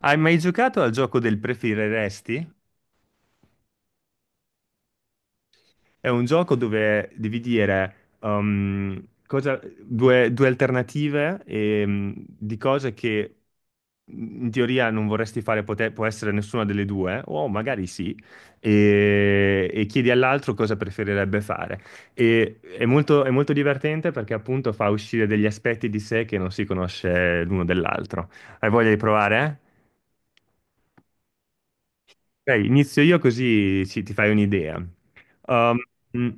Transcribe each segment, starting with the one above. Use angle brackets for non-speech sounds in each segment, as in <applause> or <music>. Hai mai giocato al gioco del preferiresti? È un gioco dove devi dire due alternative di cose che in teoria non vorresti fare, può essere nessuna delle due, o magari sì, e chiedi all'altro cosa preferirebbe fare. È molto divertente perché appunto fa uscire degli aspetti di sé che non si conosce l'uno dell'altro. Hai voglia di provare? Ok, inizio io così ti fai un'idea. Um, mh,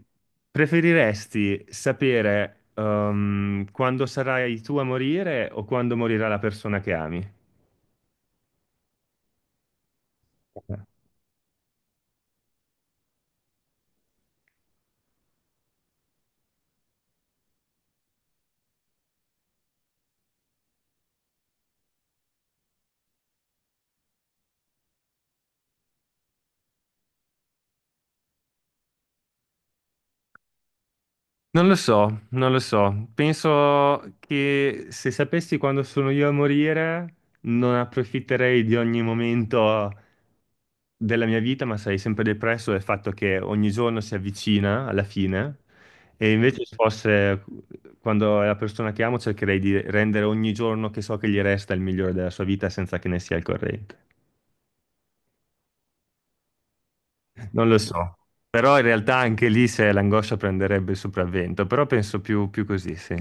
Preferiresti sapere quando sarai tu a morire o quando morirà la persona che ami? Non lo so, non lo so. Penso che se sapessi quando sono io a morire, non approfitterei di ogni momento della mia vita, ma sarei sempre depresso del fatto che ogni giorno si avvicina alla fine. E invece se fosse quando è la persona che amo, cercherei di rendere ogni giorno che so che gli resta il migliore della sua vita senza che ne sia al corrente. Non lo so. Però in realtà anche lì se l'angoscia prenderebbe il sopravvento, però penso più così, sì.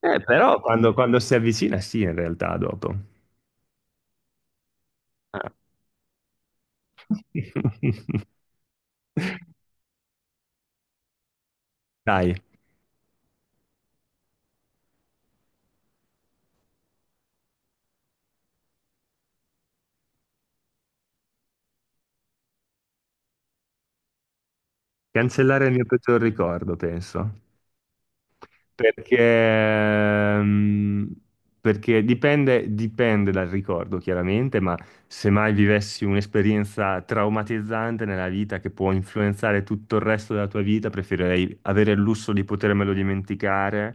Quando si avvicina, sì, in realtà, dopo. Ah. <laughs> Dai, cancellare il mio peggior ricordo, penso. Perché, perché dipende dal ricordo, chiaramente, ma se mai vivessi un'esperienza traumatizzante nella vita che può influenzare tutto il resto della tua vita, preferirei avere il lusso di potermelo dimenticare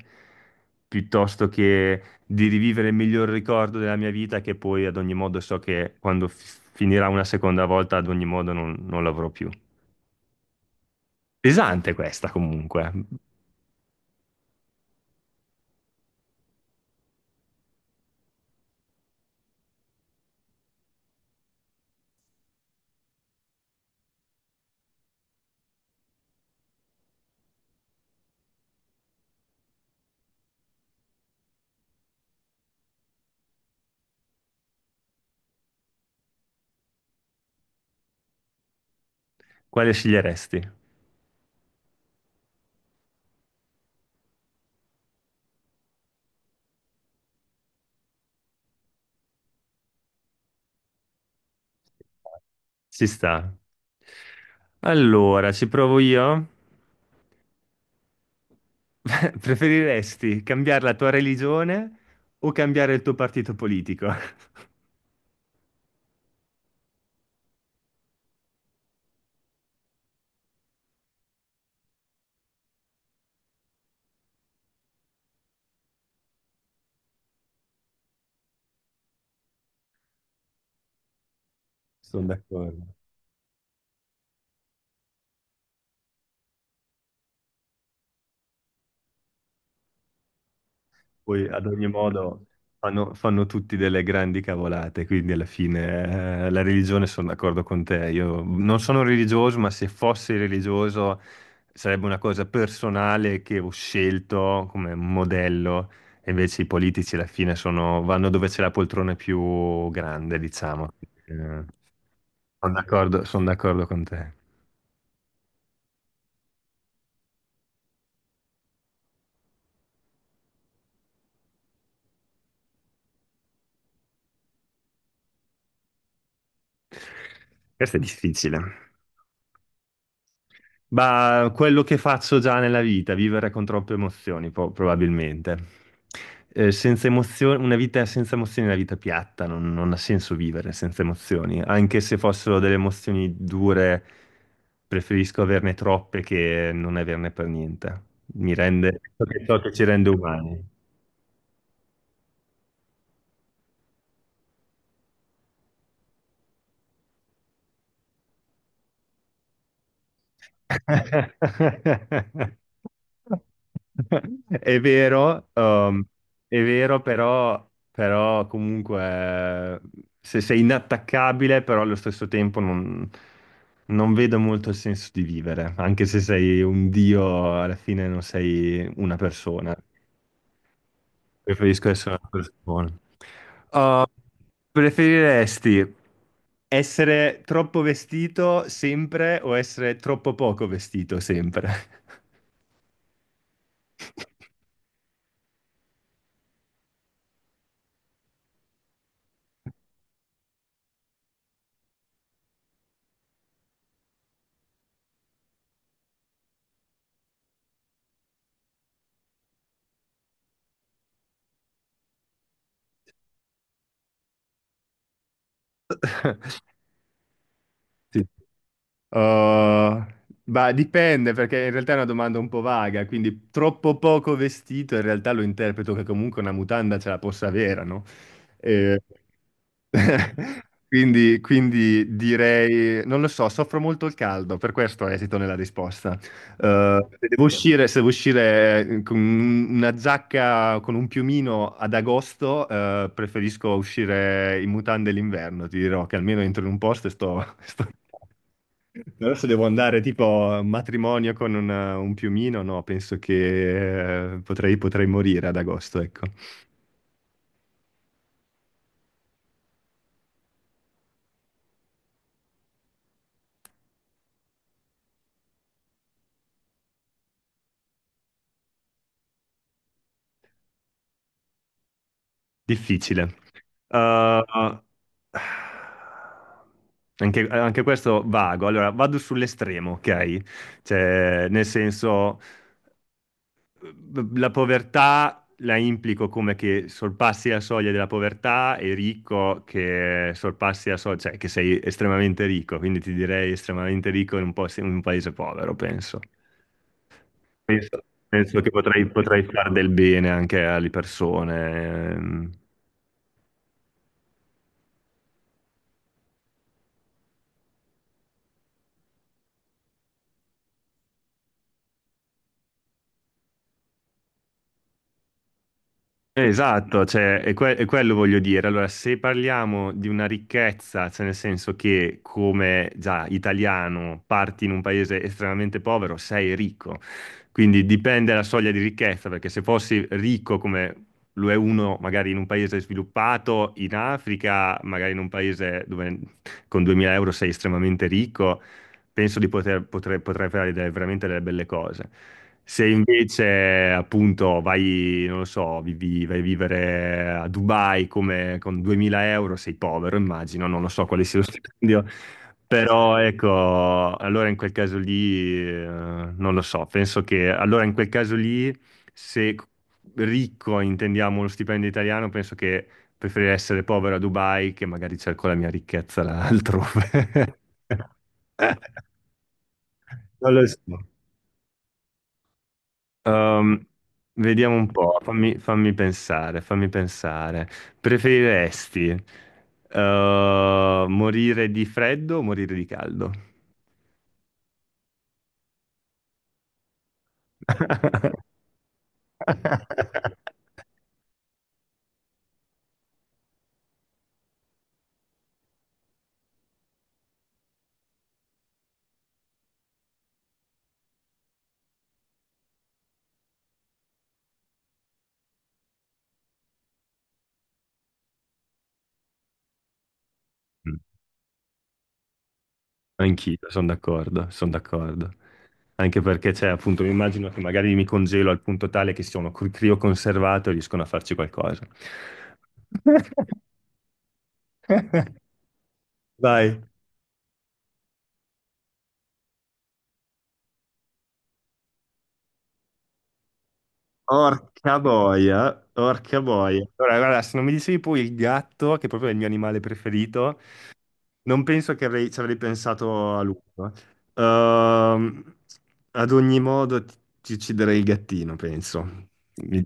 piuttosto che di rivivere il miglior ricordo della mia vita, che poi ad ogni modo so che quando finirà una seconda volta, ad ogni modo non l'avrò più. Pesante questa comunque. Quale sceglieresti? Ci sta. Allora, ci provo io. <laughs> Preferiresti cambiare la tua religione o cambiare il tuo partito politico? <laughs> Sono d'accordo. Poi ad ogni modo fanno tutti delle grandi cavolate, quindi alla fine la religione sono d'accordo con te. Io non sono religioso, ma se fossi religioso sarebbe una cosa personale che ho scelto come modello, e invece i politici alla fine vanno dove c'è la poltrona più grande, diciamo. Eh, sono d'accordo con te. Questo è difficile. Ma quello che faccio già nella vita, vivere con troppe emozioni, probabilmente. Senza emozioni, una vita senza emozioni è una vita piatta, non ha senso vivere senza emozioni. Anche se fossero delle emozioni dure, preferisco averne troppe che non averne per niente. Mi rende, ciò che ci rende umani. <laughs> È vero, è vero, però comunque eh, se sei inattaccabile, però allo stesso tempo non vedo molto il senso di vivere, anche se sei un dio, alla fine non sei una persona. Preferisco essere una persona. Uh, preferiresti essere troppo vestito sempre o essere troppo poco vestito sempre? <laughs> Sì. Oh, ma dipende perché in realtà è una domanda un po' vaga, quindi troppo poco vestito in realtà lo interpreto che comunque una mutanda ce la possa avere, no? Eh, <laughs> quindi direi, non lo so, soffro molto il caldo, per questo esito nella risposta. Se devo uscire con una giacca, con un piumino ad agosto, preferisco uscire in mutande l'inverno, ti dirò che almeno entro in un posto e <laughs> sto Adesso devo andare tipo a un matrimonio con un piumino, no, penso che potrei morire ad agosto, ecco. Difficile. Uh, anche questo vago. Allora, vado sull'estremo, ok? Cioè, nel senso, la povertà la implico come che sorpassi la soglia della povertà e ricco che sorpassi la soglia, cioè che sei estremamente ricco, quindi ti direi estremamente ricco in in un paese povero, penso. Penso che potrei fare del bene anche alle persone. Esatto, è quello voglio dire. Allora, se parliamo di una ricchezza, cioè nel senso che come già italiano parti in un paese estremamente povero, sei ricco. Quindi dipende la soglia di ricchezza, perché se fossi ricco come lo è uno magari in un paese sviluppato, in Africa, magari in un paese dove con 2000 euro sei estremamente ricco, penso di potrei, potrei fare veramente delle belle cose. Se invece appunto vai, non lo so, vai a vivere a Dubai come, con 2000 euro, sei povero, immagino, non lo so quale sia lo <laughs> stipendio, però ecco, allora in quel caso lì, non lo so, penso che allora in quel caso lì, se ricco intendiamo lo stipendio italiano, penso che preferirei essere povero a Dubai che magari cerco la mia ricchezza là altrove. <laughs> Non lo so. Ehm, vediamo un po', fammi pensare. Preferiresti morire di freddo o morire di caldo? <laughs> Mm, anch'io, sono d'accordo, sono d'accordo. Anche perché c'è appunto, mi immagino che magari mi congelo al punto tale che sono crioconservato e riescono a farci qualcosa. <laughs> Vai. Orca boia, orca boia. Allora, guarda, se non mi dicevi poi il gatto, che proprio è il mio animale preferito, non penso che ci avrei pensato a lungo. Ehm, ad ogni modo ti ucciderei il gattino, penso. Mi,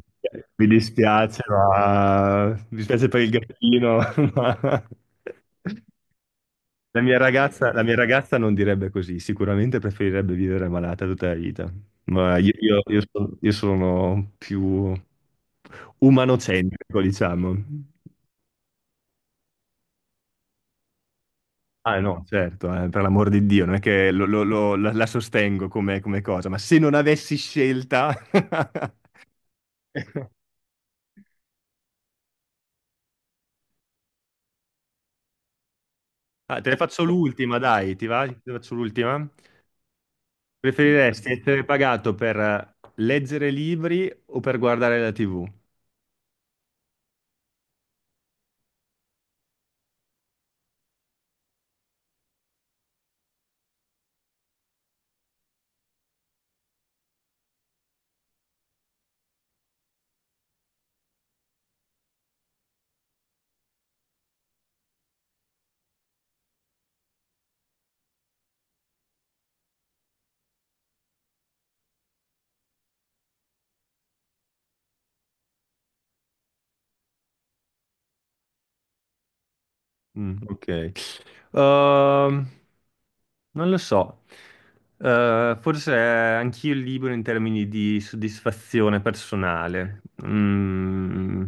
mi dispiace, ma mi dispiace per il gattino, <laughs> ma... la mia ragazza non direbbe così, sicuramente preferirebbe vivere malata tutta la vita, ma io sono più umanocentrico, diciamo. Ah no, certo, per l'amor di Dio, non è che la sostengo come cosa, ma se non avessi scelta... <laughs> Ah, te ne faccio l'ultima, dai, ti va? Te ne faccio l'ultima? Preferiresti essere pagato per leggere libri o per guardare la TV? Mm, ok. Ehm, non lo so. Forse è anch'io libero in termini di soddisfazione personale. Mm,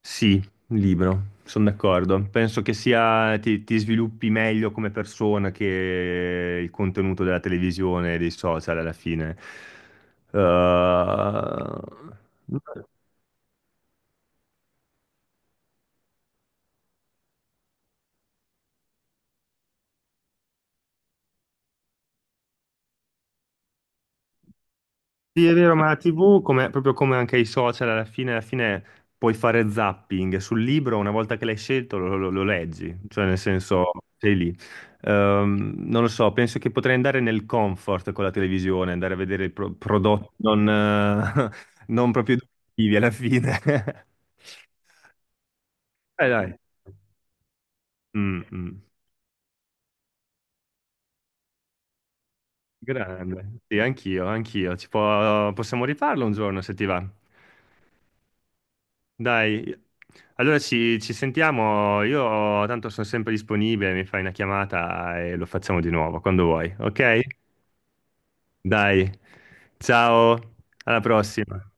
sì, libero, sono d'accordo. Penso che sia ti sviluppi meglio come persona che il contenuto della televisione e dei social alla fine. Eh, Sì, è vero, ma la TV, proprio come anche i social, alla fine puoi fare zapping sul libro, una volta che l'hai scelto lo leggi, cioè nel senso sei lì. Non lo so, penso che potrei andare nel comfort con la televisione, andare a vedere i prodotti non, <laughs> non proprio educativi alla fine. <laughs> Dai, dai. Mm, mm. Grande, sì, anch'io, anch'io. Possiamo rifarlo un giorno se ti va. Dai, allora ci sentiamo, io tanto sono sempre disponibile, mi fai una chiamata e lo facciamo di nuovo quando vuoi, ok? Dai, ciao, alla prossima.